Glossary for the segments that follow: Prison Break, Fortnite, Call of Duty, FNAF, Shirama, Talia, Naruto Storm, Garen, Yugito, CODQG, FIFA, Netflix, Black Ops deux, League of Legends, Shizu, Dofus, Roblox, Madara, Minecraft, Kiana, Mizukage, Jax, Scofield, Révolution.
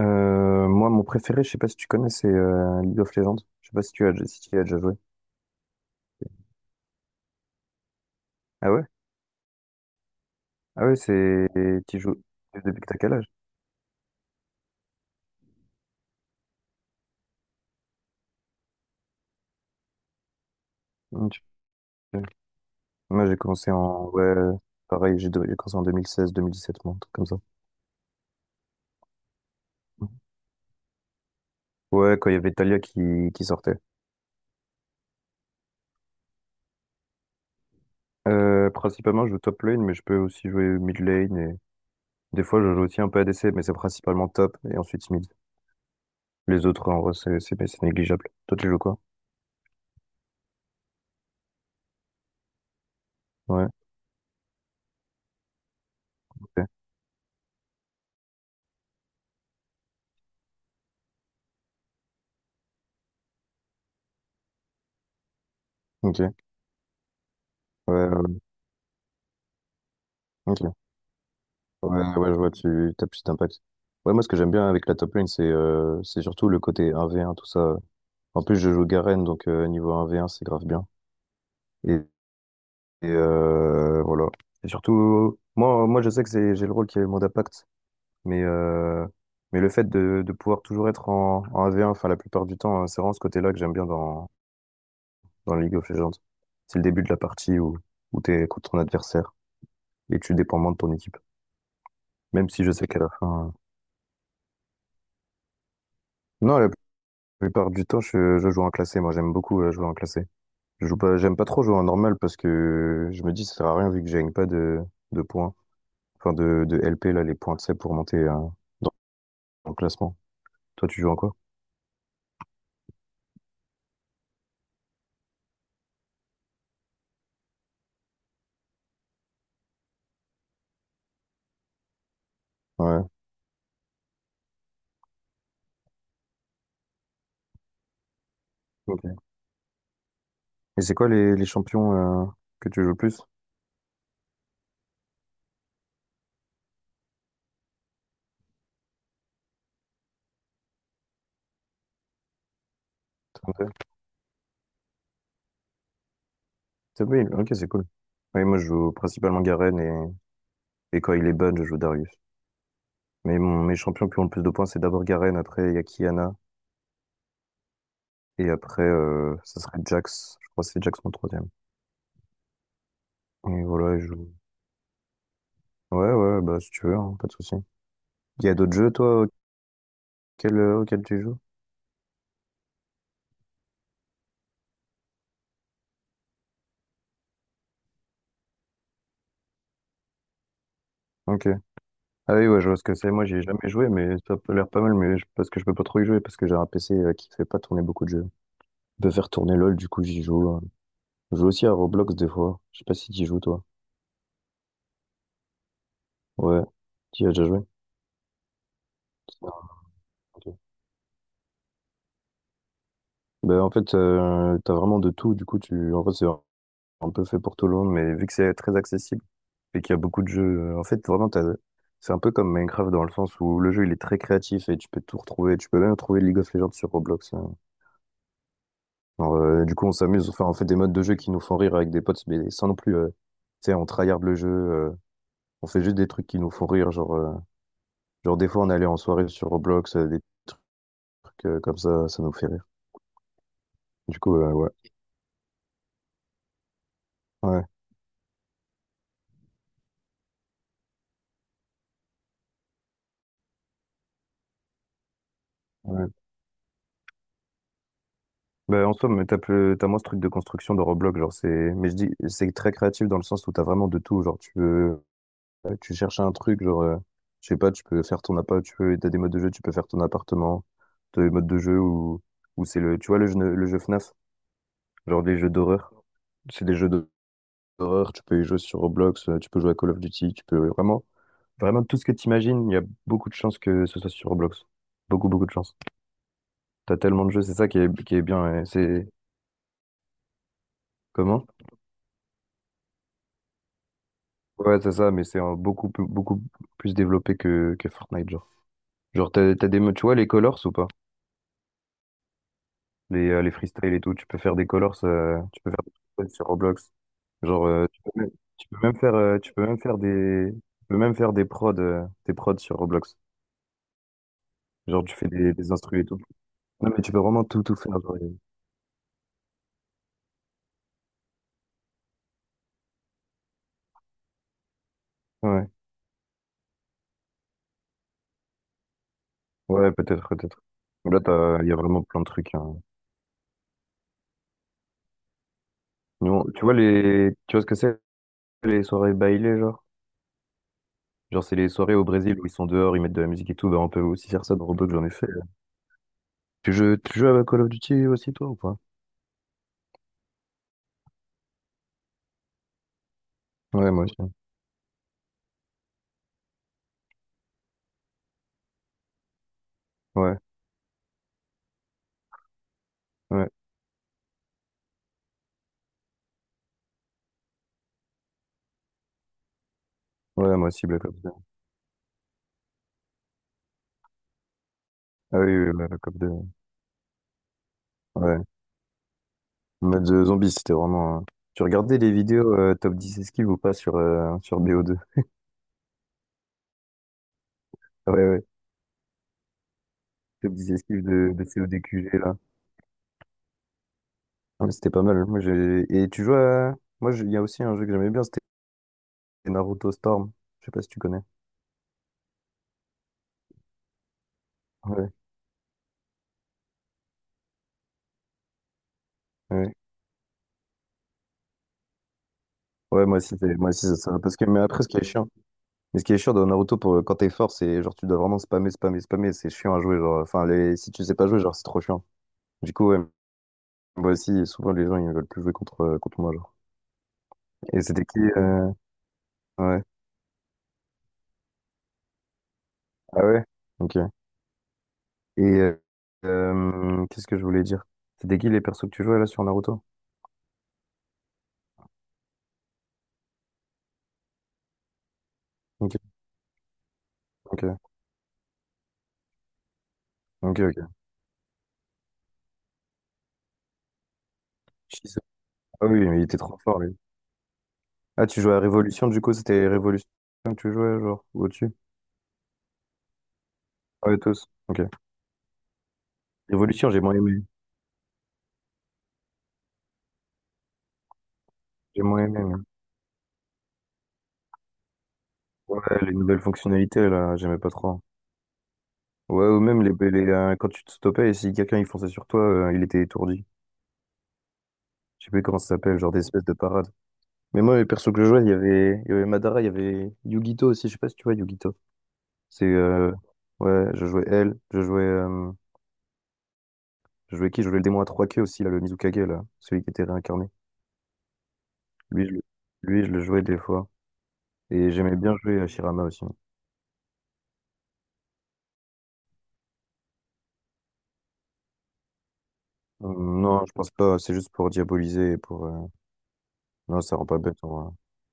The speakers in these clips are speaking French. Moi, mon préféré, je sais pas si tu connais, c'est League of Legends. Je sais pas si si tu y as déjà joué. Ah ouais? Ah ouais, tu joues depuis que t'as quel âge? Hum, tu- Moi, j'ai commencé en, ouais, pareil, j'ai commencé en 2016, 2017, moi, un truc comme ça. Hum. Ouais, quand il y avait Talia qui sortait. Principalement, je joue top lane, mais je peux aussi jouer mid lane et des fois, je joue aussi un peu ADC, mais c'est principalement top et ensuite mid. Les autres, en vrai, c'est négligeable. Toi, tu joues quoi? Ouais, ok. Ok. Ouais, ouais, ok. Ouais, ouais, je vois, tu tapes juste impact. Ouais, moi, ce que j'aime bien avec la top lane, c'est surtout le côté 1v1, tout ça. En plus, je joue Garen, donc niveau 1v1, c'est grave bien. Et, voilà. Et surtout, moi, je sais que c'est, j'ai le rôle qui est le mode impact, mais, euh, mais le fait de pouvoir toujours être en 1v1, enfin, la plupart du temps, hein, c'est vraiment ce côté-là que j'aime bien dans League of Legends. C'est le début de la partie où t'es contre ton adversaire et tu dépends moins de ton équipe. Même si je sais qu'à la fin. Non, la plupart du temps, je joue en classé. Moi, j'aime beaucoup jouer en classé. Je joue pas, j'aime pas trop jouer en normal parce que je me dis ça sert à rien vu que je gagne pas de points, enfin de LP là, les points, de sais, pour monter dans le classement. Toi, tu joues en quoi? Ouais. Ok. Et c'est quoi les champions que tu joues le plus? Top Hill. Top Hill, ok, c'est cool. Oui, moi, je joue principalement et quand il est ban, je joue Darius. Mais mes champions qui ont le plus de points, c'est d'abord Garen, après il y a Kiana, et après ça serait Jax. Je crois que c'est Jax mon troisième. Et voilà, je joue. Ouais, ouais, bah si tu veux, hein, pas de souci. Il y a d'autres jeux, toi, auxquels tu joues? Ok. Ah oui, ouais, je vois ce que c'est. Moi, j'y ai jamais joué, mais ça a l'air pas mal, parce que je peux pas trop y jouer, parce que j'ai un PC qui fait pas tourner beaucoup de jeux. Je peux faire tourner LOL, du coup, j'y joue, hein. Je joue aussi à Roblox des fois. Je sais pas si t'y joues, toi. Ouais. Tu y as déjà joué? Non, ok. Ben, en fait, t'as vraiment de tout, du coup, en fait, c'est un peu fait pour tout le monde, mais vu que c'est très accessible et qu'il y a beaucoup de jeux, en fait, vraiment, c'est un peu comme Minecraft dans le sens où le jeu, il est très créatif et tu peux tout retrouver. Tu peux même trouver League of Legends sur Roblox, hein. Du coup, on s'amuse, enfin, on fait des modes de jeu qui nous font rire avec des potes, mais sans non plus, tu sais, on tryhard le jeu, on fait juste des trucs qui nous font rire. Genre des fois, on allait en soirée sur Roblox, des trucs comme ça nous fait rire. Du coup, ouais. Ouais, ouais. Bah, en soi, mais t'as moins ce truc de construction de Roblox, mais je dis, c'est très créatif dans le sens où t'as vraiment de tout, genre tu veux, tu cherches un truc, je sais pas, tu peux faire ton appart, t'as des modes de jeu, tu peux faire ton appartement, t'as des modes de jeu où c'est le, tu vois le jeu FNAF, genre des jeux d'horreur, c'est des jeux d'horreur, tu peux y jouer sur Roblox, tu peux jouer à Call of Duty, tu peux vraiment, vraiment tout ce que t'imagines, il y a beaucoup de chances que ce soit sur Roblox, beaucoup de chances. T'as tellement de jeux, c'est ça qui est bien, et c'est comment? Ouais, c'est ça, mais c'est beaucoup plus développé que Fortnite, genre. Genre, t'as des modes, tu vois, les colors ou pas? Les freestyles et tout, tu peux faire des colors, tu peux faire des freestyles sur Roblox. Genre, euh, tu peux même, Tu peux même faire, tu peux même faire des prods sur Roblox. Genre, tu fais des instrus et tout. Non, mais tu peux vraiment tout faire, ouais, ouais, peut-être, peut-être. Il y a vraiment plein de trucs, hein. Tu vois tu vois ce que c'est, les soirées bailées, genre? Genre, c'est les soirées au Brésil où ils sont dehors, ils mettent de la musique et tout. Bah, on peut aussi faire ça dans Roblox, j'en ai fait. Tu joues à Call of Duty aussi, toi, ou pas? Ouais, moi aussi. Ouais, ouais. Ouais, moi aussi, Black Ops deux. Ah oui, oui, Black Ops deux. Ouais. En Mode de zombie, c'était Tu regardais les vidéos top 10 esquives ou pas sur bo deux. Ah ouais, ouais. Top 10 esquives de CODQG, là. Ouais, c'était pas mal. Moi, j'ai... Et tu joues à. Il y a aussi un jeu que j'aimais bien, c'était Naruto Storm. Je sais pas si tu connais. Ouais, ouais. Moi aussi, c'est ça. Parce que, mais après, ce qui est chiant. Mais ce qui est chiant dans Naruto, pour, quand t'es fort, c'est genre tu dois vraiment spammer. C'est chiant à jouer. Si tu sais pas jouer, genre c'est trop chiant. Du coup, ouais, moi aussi, souvent les gens ils veulent plus jouer contre moi. Genre. Et c'était qui ouais. Ah ouais? Ok. Et euh, Qu'est-ce que je voulais dire? C'était qui les persos que tu jouais là sur Naruto? Ok, ok, ok. Shizu. Ah oui, mais il était trop fort lui. Ah, tu jouais à Révolution, du coup, c'était Révolution que tu jouais, genre, ou au-dessus? Ah ouais, tous. Ok. Révolution, j'ai moins aimé. J'ai moins aimé. Ouais, les nouvelles fonctionnalités, là, j'aimais pas trop. Ouais, ou même quand tu te stoppais et si quelqu'un il fonçait sur toi, il était étourdi. Je sais plus comment ça s'appelle, genre des espèces de parades. Mais moi, les persos que je jouais, il y avait Madara, il y avait Yugito aussi, je sais pas si tu vois Yugito. C'est, euh, ouais, je jouais elle, je jouais qui? Je jouais le démon à trois queues aussi, là, le Mizukage, là, celui qui était réincarné. Lui, je, le- Lui, je le jouais des fois. Et j'aimais bien jouer à Shirama aussi. Non, je pense pas, c'est juste pour diaboliser Non, ça rend pas bête, en vrai.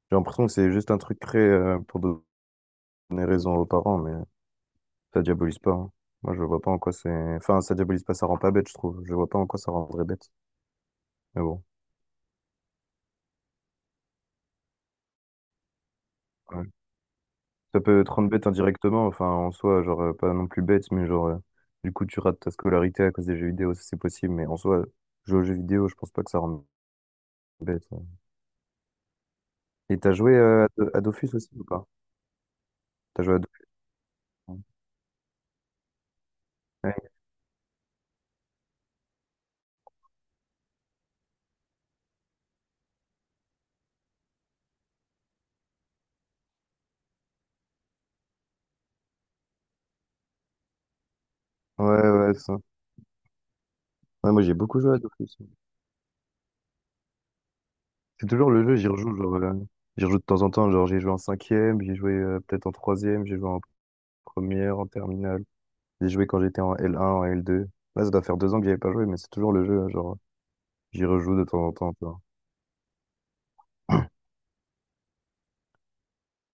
J'ai l'impression que c'est juste un truc créé pour donner raison aux parents, mais ça diabolise pas, hein. Moi, je vois pas en quoi c'est... Enfin, ça diabolise pas, ça rend pas bête, je trouve. Je vois pas en quoi ça rendrait bête. Mais bon, ouais. Ça peut te rendre bête indirectement, enfin, en soi, pas non plus bête, mais du coup, tu rates ta scolarité à cause des jeux vidéo, ça c'est possible, mais en soi, jouer aux jeux vidéo, je pense pas que ça rende bête, ouais. Et t'as joué à Dofus aussi ou pas? T'as joué à Dofus? Hein. Ouais, ouais, ouais, ça. Ouais, moi, j'ai beaucoup joué à Dofus, hein. C'est toujours le jeu, j'y rejoue de temps en temps, genre j'ai joué en cinquième, j'ai joué peut-être en troisième, j'ai joué en première, en terminale, j'ai joué quand j'étais en L1, en L2. Là, ça doit faire deux ans que j'y avais pas joué, mais c'est toujours le jeu, hein, genre j'y rejoue de temps en temps, tu vois.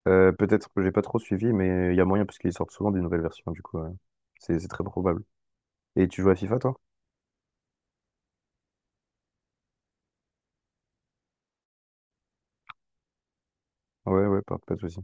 Peut-être que j'ai pas trop suivi, mais il y a moyen parce qu'ils sortent souvent des nouvelles versions, du coup, c'est très probable. Et tu joues à FIFA, toi? Ouais, ouais, pas de souci.